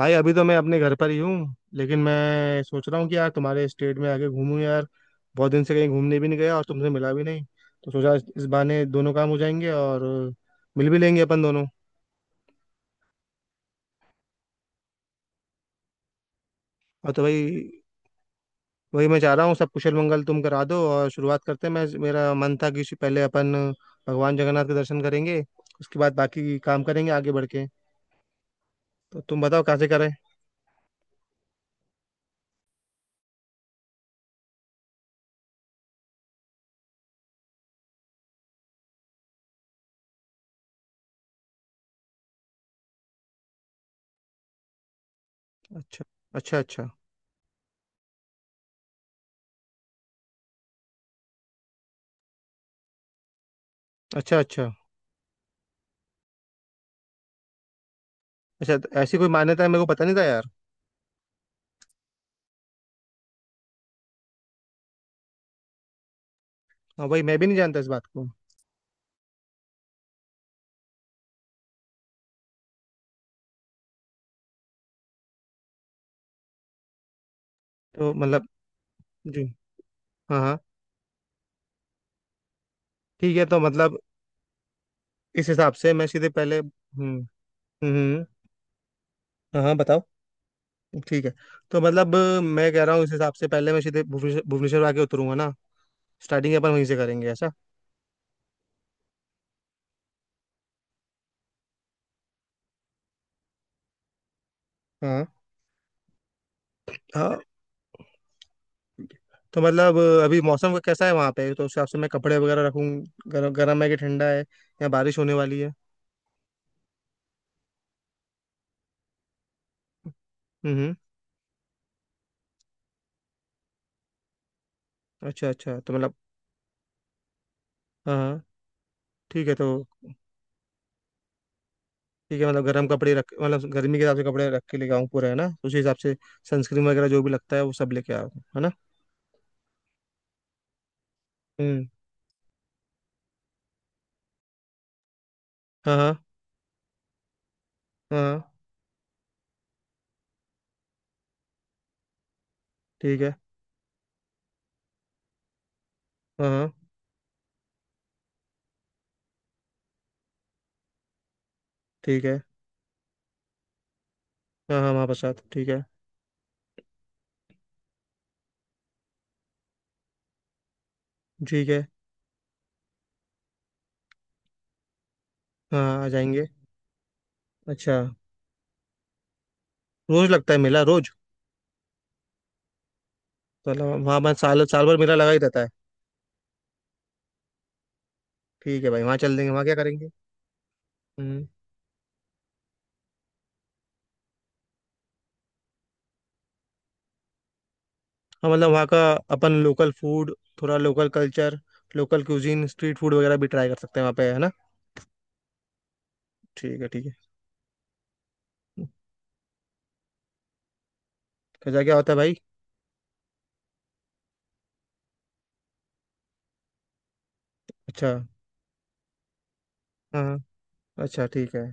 भाई, अभी तो मैं अपने घर पर ही हूँ, लेकिन मैं सोच रहा हूँ कि यार तुम्हारे स्टेट में आके घूमूं यार। बहुत दिन से कहीं घूमने भी नहीं गया और तुमसे मिला भी नहीं। तो सोचा इस बहाने दोनों काम हो जाएंगे और मिल भी लेंगे अपन दोनों। और तो भाई वही मैं चाह रहा हूँ, सब कुशल मंगल तुम करा दो और शुरुआत करते हैं। मैं, मेरा मन था कि पहले अपन भगवान जगन्नाथ के दर्शन करेंगे, उसके बाद बाकी काम करेंगे आगे बढ़ के। तो तुम बताओ कहाँ से करें। अच्छा, अच्छा, अच्छा, अच्छा, अच्छा, अच्छा, तो ऐसी कोई मान्यता है? मेरे को पता नहीं था यार। हाँ भाई, मैं भी नहीं जानता इस बात को। तो मतलब जी। हाँ हाँ, ठीक है। तो मतलब इस हिसाब से मैं सीधे पहले, हम्म हाँ हाँ बताओ। ठीक है। तो मतलब, मैं कह रहा हूँ इस हिसाब से पहले मैं सीधे भुवनेश्वर भुवनेश्वर आके उतरूंगा ना। स्टार्टिंग अपन वहीं से करेंगे ऐसा। हाँ हाँ। तो मतलब अभी मौसम का कैसा है वहाँ पे? तो उस हिसाब से मैं कपड़े वगैरह रखूँ। गर्म गर्म है कि ठंडा है या बारिश होने वाली है? हम्म अच्छा अच्छा, तो मतलब हाँ हाँ ठीक है। तो ठीक है, मतलब गर्म कपड़े रख, मतलब गर्मी के हिसाब से कपड़े रख के लेके आऊँ पूरे, है ना, उसी हिसाब से। सनस्क्रीन वगैरह जो भी लगता है वो सब लेके आऊँ, है ना। हम्म हाँ हाँ। हाँ हाँ, ठीक है। हाँ हाँ ठीक है। हाँ हाँ, हमारे साथ ठीक है। ठीक है। हाँ हाँ, आ जाएंगे। अच्छा। रोज लगता है मेला, रोज? तो मतलब वहाँ वहाँ साल साल भर मेला लगा ही रहता है। ठीक है भाई, वहाँ चल देंगे, वहाँ क्या करेंगे? हम्म हाँ मतलब वहाँ का, अपन लोकल फूड, थोड़ा local culture, local cuisine, street food वगैरह भी ट्राई कर सकते हैं वहाँ पे है ना। ठीक है, ठीक है। खजा क्या होता है भाई? अच्छा। हाँ हाँ। अच्छा ठीक है।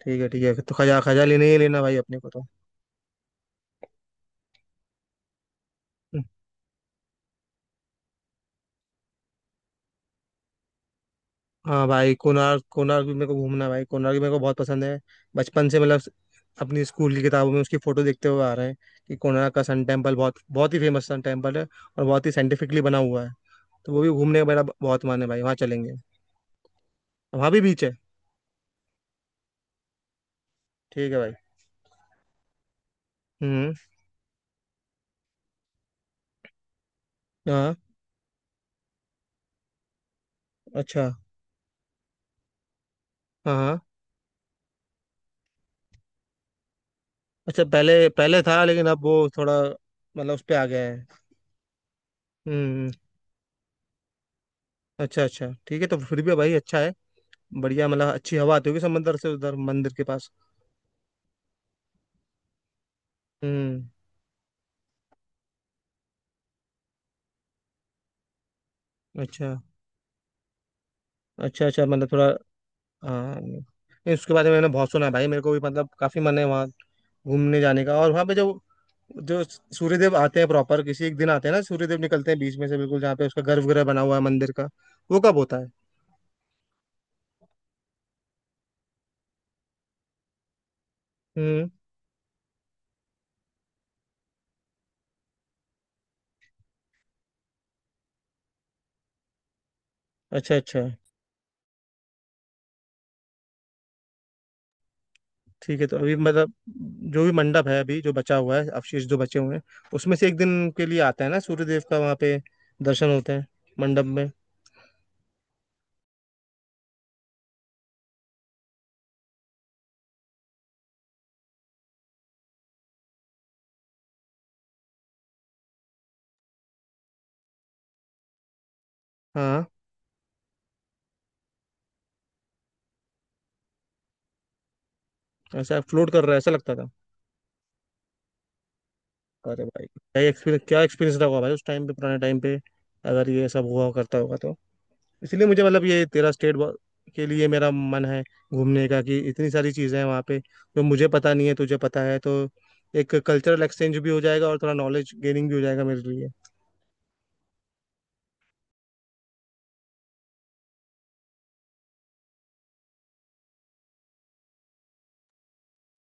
ठीक है ठीक है, तो खजा, खजा लेना ही लेना भाई अपने को तो। हाँ भाई, कोणार्क, कोणार्क भी मेरे को घूमना है भाई, कोणार्क भी मेरे को बहुत पसंद है। बचपन से, मतलब अपनी स्कूल की किताबों में उसकी फोटो देखते हुए आ रहे हैं कि कोणार्क का सन टेम्पल बहुत, बहुत ही फेमस सन टेम्पल है और बहुत ही साइंटिफिकली बना हुआ है। तो वो भी घूमने का मेरा बहुत मन है भाई, वहाँ चलेंगे। वहाँ भी बीच है? ठीक है भाई। हम्म हाँ। अच्छा। हाँ हाँ। अच्छा, पहले पहले था, लेकिन अब वो थोड़ा, मतलब उस पर आ गया है। हम्म अच्छा अच्छा ठीक है, तो फिर भी भाई अच्छा है। बढ़िया, मतलब अच्छी हवा आती होगी समंदर से उधर मंदिर के पास। हम्म अच्छा। अच्छा अच्छा मतलब थोड़ा, हाँ नहीं, उसके बारे में मैंने बहुत सुना है भाई, मेरे को भी मतलब काफी मन है वहाँ घूमने जाने का। और वहाँ पे जो जो सूर्यदेव आते हैं प्रॉपर किसी एक दिन आते हैं ना, सूर्यदेव निकलते हैं बीच में से बिल्कुल, जहाँ पे उसका गर्भगृह बना हुआ है मंदिर का। वो कब होता है? हम्म अच्छा अच्छा। ठीक है, तो अभी मतलब जो भी मंडप है, अभी जो बचा हुआ है, अवशेष जो बचे हुए हैं, उसमें से एक दिन के लिए आता है ना सूर्यदेव का, वहाँ पे दर्शन होता है मंडप में। हाँ, ऐसा फ्लोट कर रहा है ऐसा लगता था। अरे भाई क्या एक्सपीरियंस, क्या एक्सपीरियंस रहा होगा भाई उस टाइम पे, पुराने टाइम पे अगर ये सब हुआ करता होगा तो। इसलिए मुझे मतलब ये तेरा स्टेट के लिए मेरा मन है घूमने का कि इतनी सारी चीज़ें हैं वहाँ पे जो मुझे पता नहीं है, तुझे पता है। तो एक कल्चरल एक्सचेंज भी हो जाएगा और थोड़ा नॉलेज गेनिंग भी हो जाएगा मेरे लिए।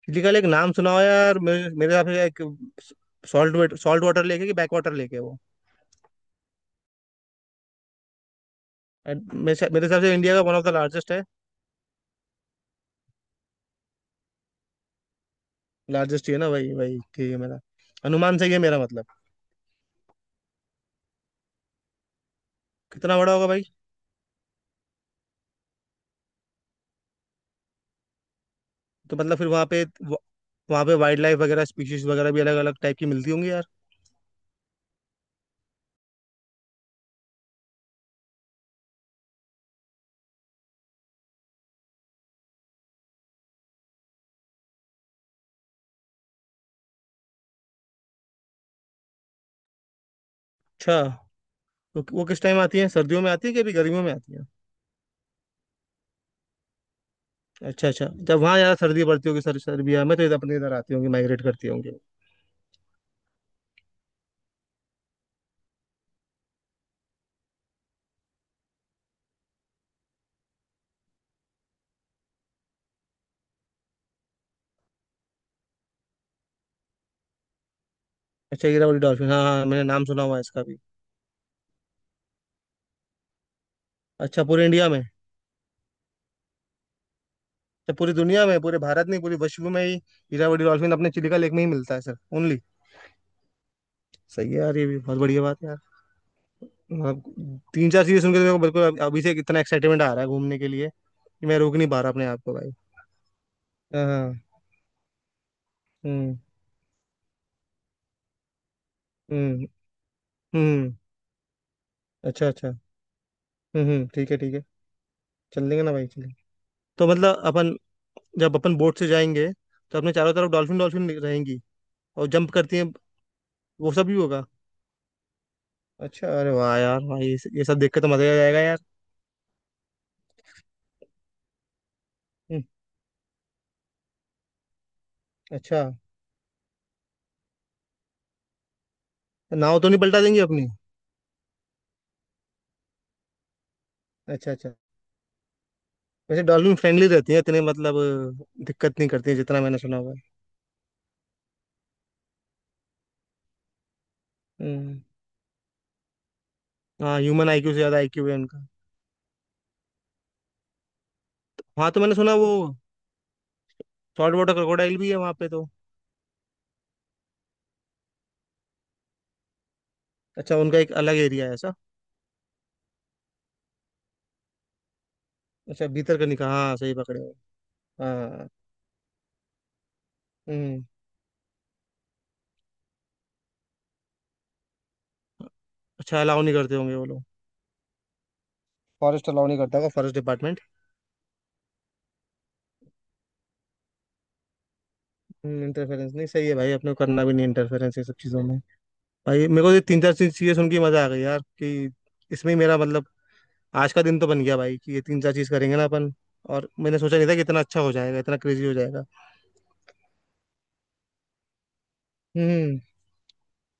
इसलिए कल एक नाम सुना हो यार, मेरे मेरे हिसाब से एक सॉल्ट सॉल्ट वाटर लेक है कि बैक वाटर लेक है वो। And मेरे हिसाब से इंडिया का वन ऑफ द लार्जेस्ट है। लार्जेस्ट ही है ना, वही वही ठीक है, मेरा अनुमान सही है मेरा मतलब। कितना बड़ा होगा भाई? तो मतलब फिर वहाँ पे वहाँ पे वाइल्ड लाइफ वगैरह, स्पीशीज वगैरह भी अलग अलग टाइप की मिलती होंगी यार। अच्छा, तो वो किस टाइम आती है? सर्दियों में आती है कि अभी गर्मियों में आती है? अच्छा अच्छा, जब वहाँ यार सर्दी पड़ती होगी सर सर्बिया में, तो इधर अपने इधर आती होंगी, माइग्रेट करती होंगी। अच्छा, ईरावली डॉल्फिन, हाँ हाँ, मैंने नाम सुना हुआ है इसका भी। अच्छा, पूरे इंडिया में? अच्छा पूरी दुनिया में, पूरे भारत नहीं पूरे विश्व में ही ईरावली डॉल्फिन अपने चिलिका लेक में ही मिलता है सर, ओनली। सही है यार, ये भी बहुत बढ़िया बात है यार। आप, तीन चार चीजें सुन के तो मेरे को बिल्कुल अभी से इतना एक्साइटमेंट आ रहा है घूमने के लिए कि मैं रोक नहीं पा रहा अपने आप को भाई। हाँ हाँ। हम्म हम्म हम्म अच्छा अच्छा। हम्म, ठीक है ठीक है, चल देंगे ना भाई, चलेंगे। तो मतलब अपन जब अपन बोट से जाएंगे, तो अपने चारों तरफ डॉल्फिन डॉल्फिन रहेंगी और जंप करती हैं, वो सब भी होगा। अच्छा, अरे वाह यार भाई, ये सब देख के तो मजा ही आ जाएगा यार। हम्म, अच्छा, नाव तो नहीं पलटा देंगे अपनी? अच्छा अच्छा, वैसे डॉल्फिन फ्रेंडली रहती है इतने मतलब, दिक्कत नहीं करती है जितना मैंने सुना हुआ है। हम्म हाँ, ह्यूमन आईक्यू से ज्यादा आईक्यू है उनका। हाँ, तो मैंने सुना वो सॉल्ट वाटर क्रोकोडाइल भी है वहाँ पे तो? अच्छा, उनका एक अलग एरिया है ऐसा? अच्छा, भीतर का निकाह, हाँ सही पकड़े हो। हाँ। हम्म अच्छा, अलाउ नहीं करते होंगे वो लोग। फॉरेस्ट अलाउ नहीं करता होगा, फॉरेस्ट डिपार्टमेंट। इंटरफेरेंस नहीं, सही है भाई, अपने को करना भी नहीं इंटरफेरेंस ये सब चीज़ों में। भाई मेरे को ये तीन चार चीज़ें सुन के मजा आ गई यार कि इसमें ही मेरा मतलब आज का दिन तो बन गया भाई कि ये तीन चार चीज़ करेंगे ना अपन। और मैंने सोचा नहीं था कि इतना अच्छा हो जाएगा, इतना क्रेजी हो जाएगा। हम्म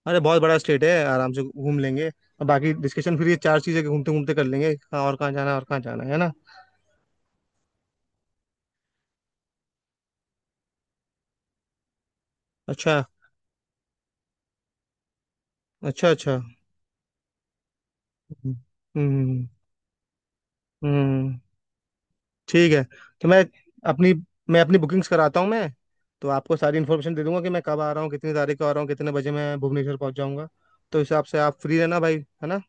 अरे बहुत बड़ा स्टेट है, आराम से घूम लेंगे और बाकी डिस्कशन फिर ये चार चीज़ें घूमते घूमते कर लेंगे, कहाँ और कहाँ जाना है और कहाँ जाना है ना। अच्छा, अच्छा, अच्छा। हम्म हम्म, हम्म। हम्म। ठीक है। तो मैं अपनी, मैं अपनी बुकिंग्स कराता हूँ मैं, तो आपको सारी इन्फॉर्मेशन दे दूंगा कि मैं कब आ रहा हूँ, कितनी तारीख को आ रहा हूँ, कितने बजे मैं भुवनेश्वर पहुंच जाऊंगा। तो इस हिसाब से आप फ्री रहना भाई, है ना।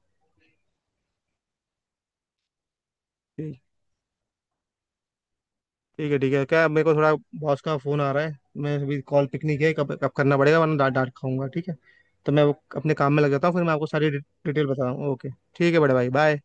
ठीक, ठीक है ठीक है, क्या मेरे को थोड़ा बॉस का फोन आ रहा है, मैं अभी कॉल पिक नहीं किया है, कब कब करना पड़ेगा वरना डांट डांट खाऊंगा, ठीक है। तो मैं वो अपने काम में लग जाता हूँ, फिर मैं आपको सारी डिटेल बताता हूँ, ओके। ठीक है बड़े भाई, बाय।